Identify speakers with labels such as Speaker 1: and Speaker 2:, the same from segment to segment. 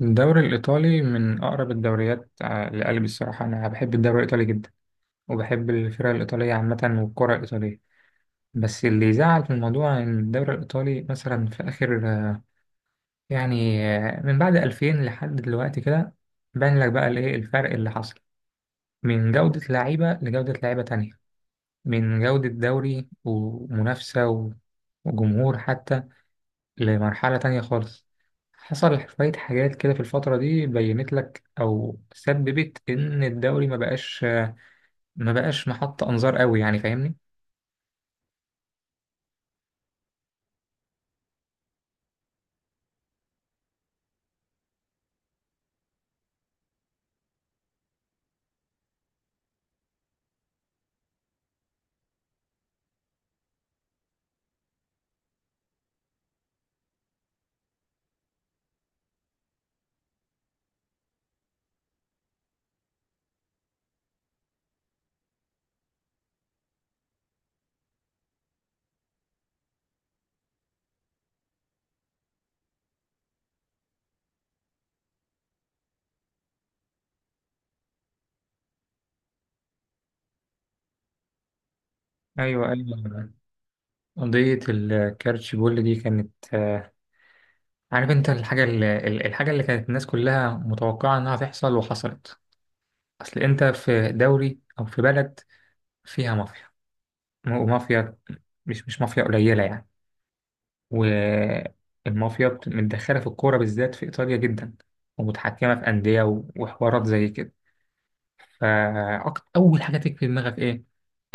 Speaker 1: الدوري الإيطالي من أقرب الدوريات لقلبي. الصراحة أنا بحب الدوري الإيطالي جدا، وبحب الفرق الإيطالية عامة والكرة الإيطالية. بس اللي يزعل في الموضوع إن الدوري الإيطالي مثلا في آخر، يعني من بعد 2000 لحد دلوقتي كده باين لك بقى الإيه الفرق اللي حصل، من جودة لعيبة لجودة لعيبة تانية، من جودة دوري ومنافسة وجمهور حتى، لمرحلة تانية خالص. حصل شوية حاجات كده في الفترة دي بينت لك أو سببت إن الدوري ما بقاش، ما بقاش محط أنظار قوي يعني، فاهمني؟ أيوه، أيوه. قضية الكارتشبول دي كانت، عارف أنت الحاجة اللي، الحاجة اللي كانت الناس كلها متوقعة إنها تحصل وحصلت. أصل أنت في دوري أو في بلد فيها مافيا، ومافيا، مش مافيا قليلة يعني. والمافيا متدخلة في الكورة بالذات في إيطاليا جدا، ومتحكمة في أندية وحوارات زي كده. فأول حاجة تيجي في دماغك إيه؟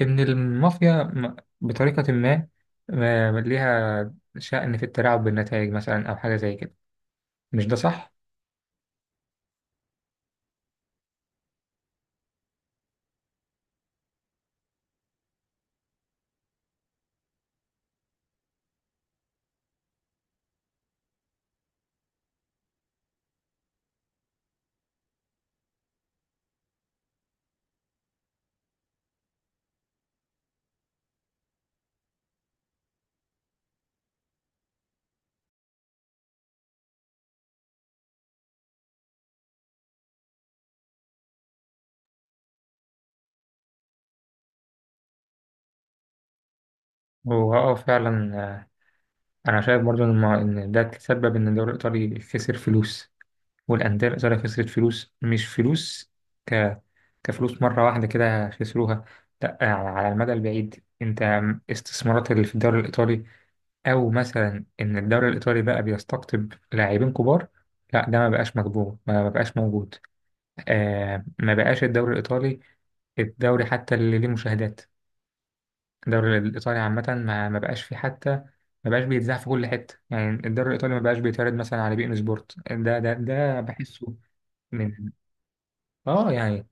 Speaker 1: إن المافيا، بطريقة ما، ليها شأن في التلاعب بالنتائج مثلا أو حاجة زي كده، مش ده صح؟ هو فعلا، أنا شايف برضه إن إن ده تسبب إن الدوري الإيطالي خسر فلوس، والأندية الإيطالية خسرت فلوس. مش فلوس ك... كفلوس مرة واحدة كده خسروها، لأ، على على المدى البعيد. أنت استثمارات اللي في الدوري الإيطالي، أو مثلا إن الدوري الإيطالي بقى بيستقطب لاعبين كبار، لا ده ما بقاش مقبول، ما بقاش موجود. ما بقاش الدوري الإيطالي، الدوري حتى اللي ليه مشاهدات، الدوري الإيطالي عامة ما بقاش فيه حتى، ما بقاش بيتذاع في كل حتة. يعني الدوري الإيطالي ما بقاش بيتعرض مثلا على بي إن سبورت، ده بحسه. من، اه يعني،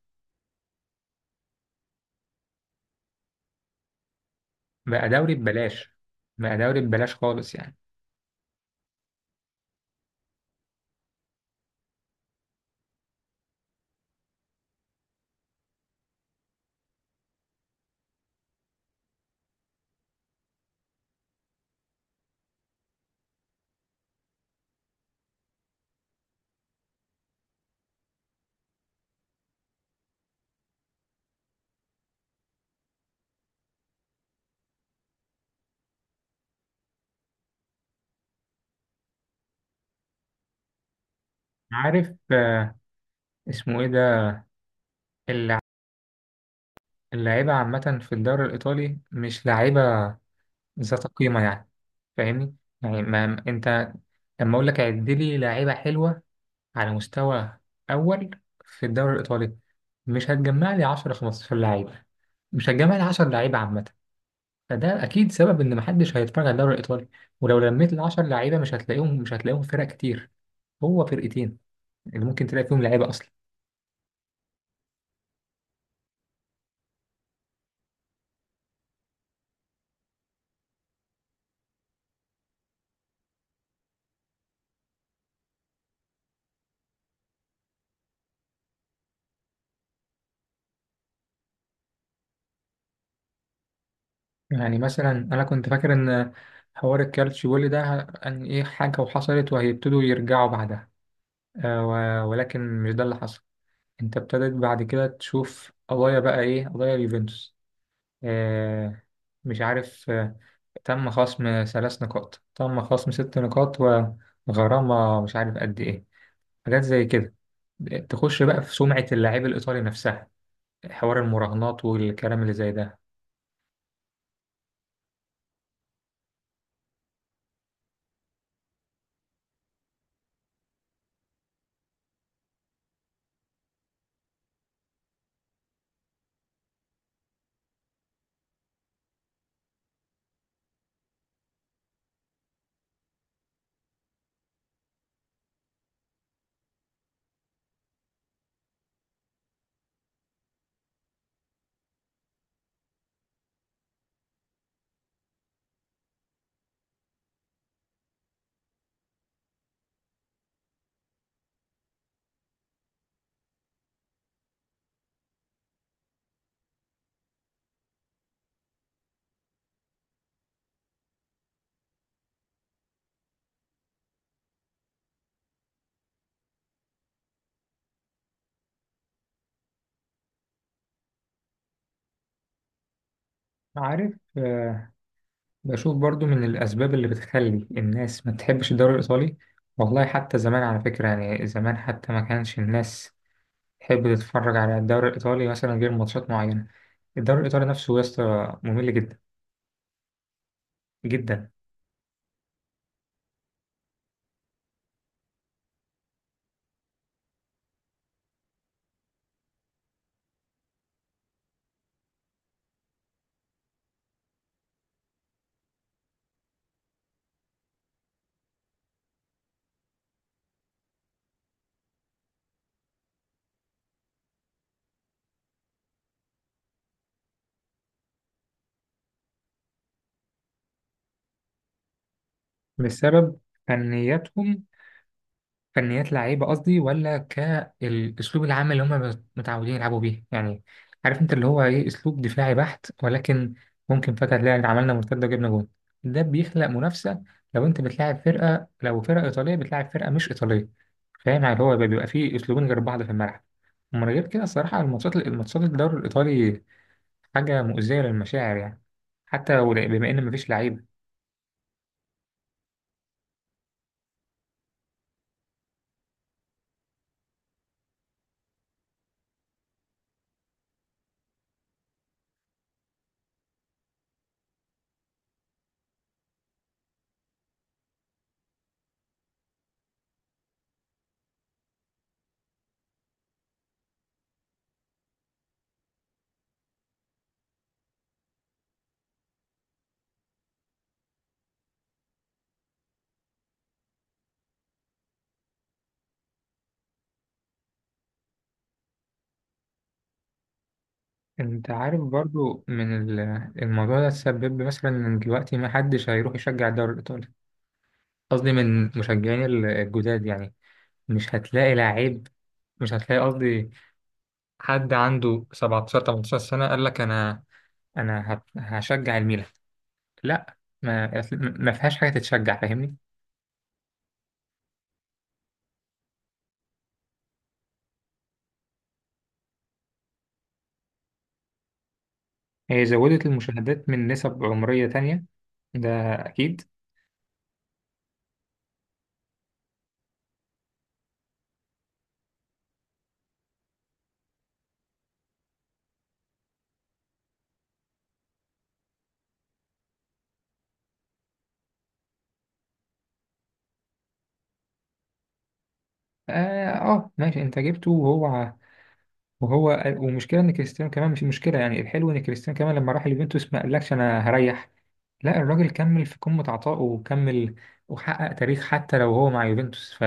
Speaker 1: بقى دوري ببلاش، بقى دوري ببلاش خالص يعني. عارف، اسمه ايه ده؟ اللع- اللعيبة عامة في الدوري الإيطالي مش لعيبة ذات قيمة يعني، فاهمني؟ يعني ما انت، لما اقول لك عد لي لعيبة حلوة على مستوى أول في الدوري الإيطالي، مش هتجمع لي 10 15 لعيبة، مش هتجمع لي 10 لعيبة عامة. فده أكيد سبب إن محدش هيتفرج على الدوري الإيطالي. ولو لميت ال 10 لعيبة، مش هتلاقيهم، مش هتلاقيهم فرق كتير، هو فرقتين اللي ممكن تلاقي فيهم لعيبه اصلا. يعني مثلا انا كنت فاكر ان حوار الكالتشيو ده، ان ايه حاجه وحصلت وهيبتدوا يرجعوا بعدها، ولكن مش ده اللي حصل. انت ابتدت بعد كده تشوف قضايا، بقى ايه؟ قضايا اليوفنتوس، آه مش عارف، تم خصم ثلاث نقاط، تم خصم ست نقاط، وغرامه مش عارف قد ايه، حاجات زي كده تخش بقى في سمعه اللاعب الايطالي نفسها، حوار المراهنات والكلام اللي زي ده. عارف، بشوف برضو من الأسباب اللي بتخلي الناس ما تحبش الدوري الإيطالي. والله حتى زمان، على فكرة، يعني زمان حتى ما كانش الناس تحب تتفرج على الدوري الإيطالي مثلا غير ماتشات معينة. الدوري الإيطالي نفسه يا اسطى ممل جدا، جدا. بسبب فنياتهم، فنيات لعيبه قصدي، ولا كالاسلوب العام اللي هم متعودين يلعبوا بيه يعني؟ عارف انت اللي هو ايه؟ اسلوب دفاعي بحت، ولكن ممكن فجاه تلاقي عملنا مرتده وجبنا جون، ده بيخلق منافسه. لو انت بتلاعب فرقه، لو فرقه ايطاليه بتلاعب فرقه مش ايطاليه، فاهم يعني؟ هو بيبقى فيه اسلوبين غير بعض في الملعب. ومن غير كده الصراحه، الماتشات الدوري الايطالي حاجه مؤذيه للمشاعر يعني، حتى بما ان مفيش لعيبه. انت عارف برضو، من الموضوع ده تسبب مثلا ان دلوقتي ما حدش هيروح يشجع الدوري الايطالي. قصدي من مشجعين الجداد يعني. مش هتلاقي لعيب، مش هتلاقي قصدي حد عنده 17 18 سنة قال لك انا، هشجع الميلان. لا، ما فيهاش حاجة تتشجع، فاهمني؟ هي زودت المشاهدات من نسب عمرية تانية، ده اكيد. اه، ماشي، انت جبته وهو، وهو ومشكلة إن كريستيانو كمان مش مشكلة، يعني الحلو إن كريستيانو كمان لما راح اليوفنتوس ما قالكش أنا هريح، لا، الراجل كمل في قمة عطائه، وكمل وحقق تاريخ حتى لو هو مع يوفنتوس. ف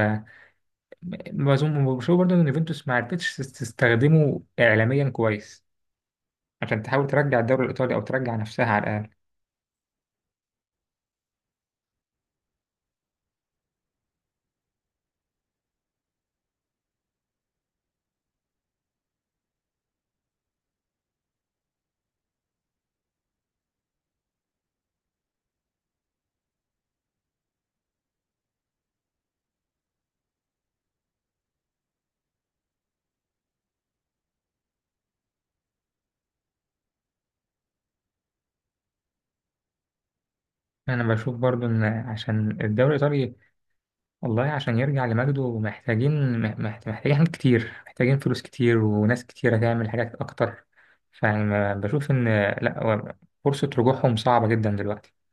Speaker 1: ما أظن، بشوف برضه إن يوفنتوس ما عرفتش تستخدمه إعلاميا كويس، عشان تحاول ترجع الدوري الإيطالي أو ترجع نفسها على الأقل. أنا بشوف برضه إن عشان الدوري الإيطالي، والله عشان يرجع لمجده، محتاجين، محتاجين حاجات كتير، محتاجين فلوس كتير، وناس كتير هتعمل حاجات أكتر. فأنا بشوف إن، لأ، هو فرصة رجوعهم صعبة جدا دلوقتي.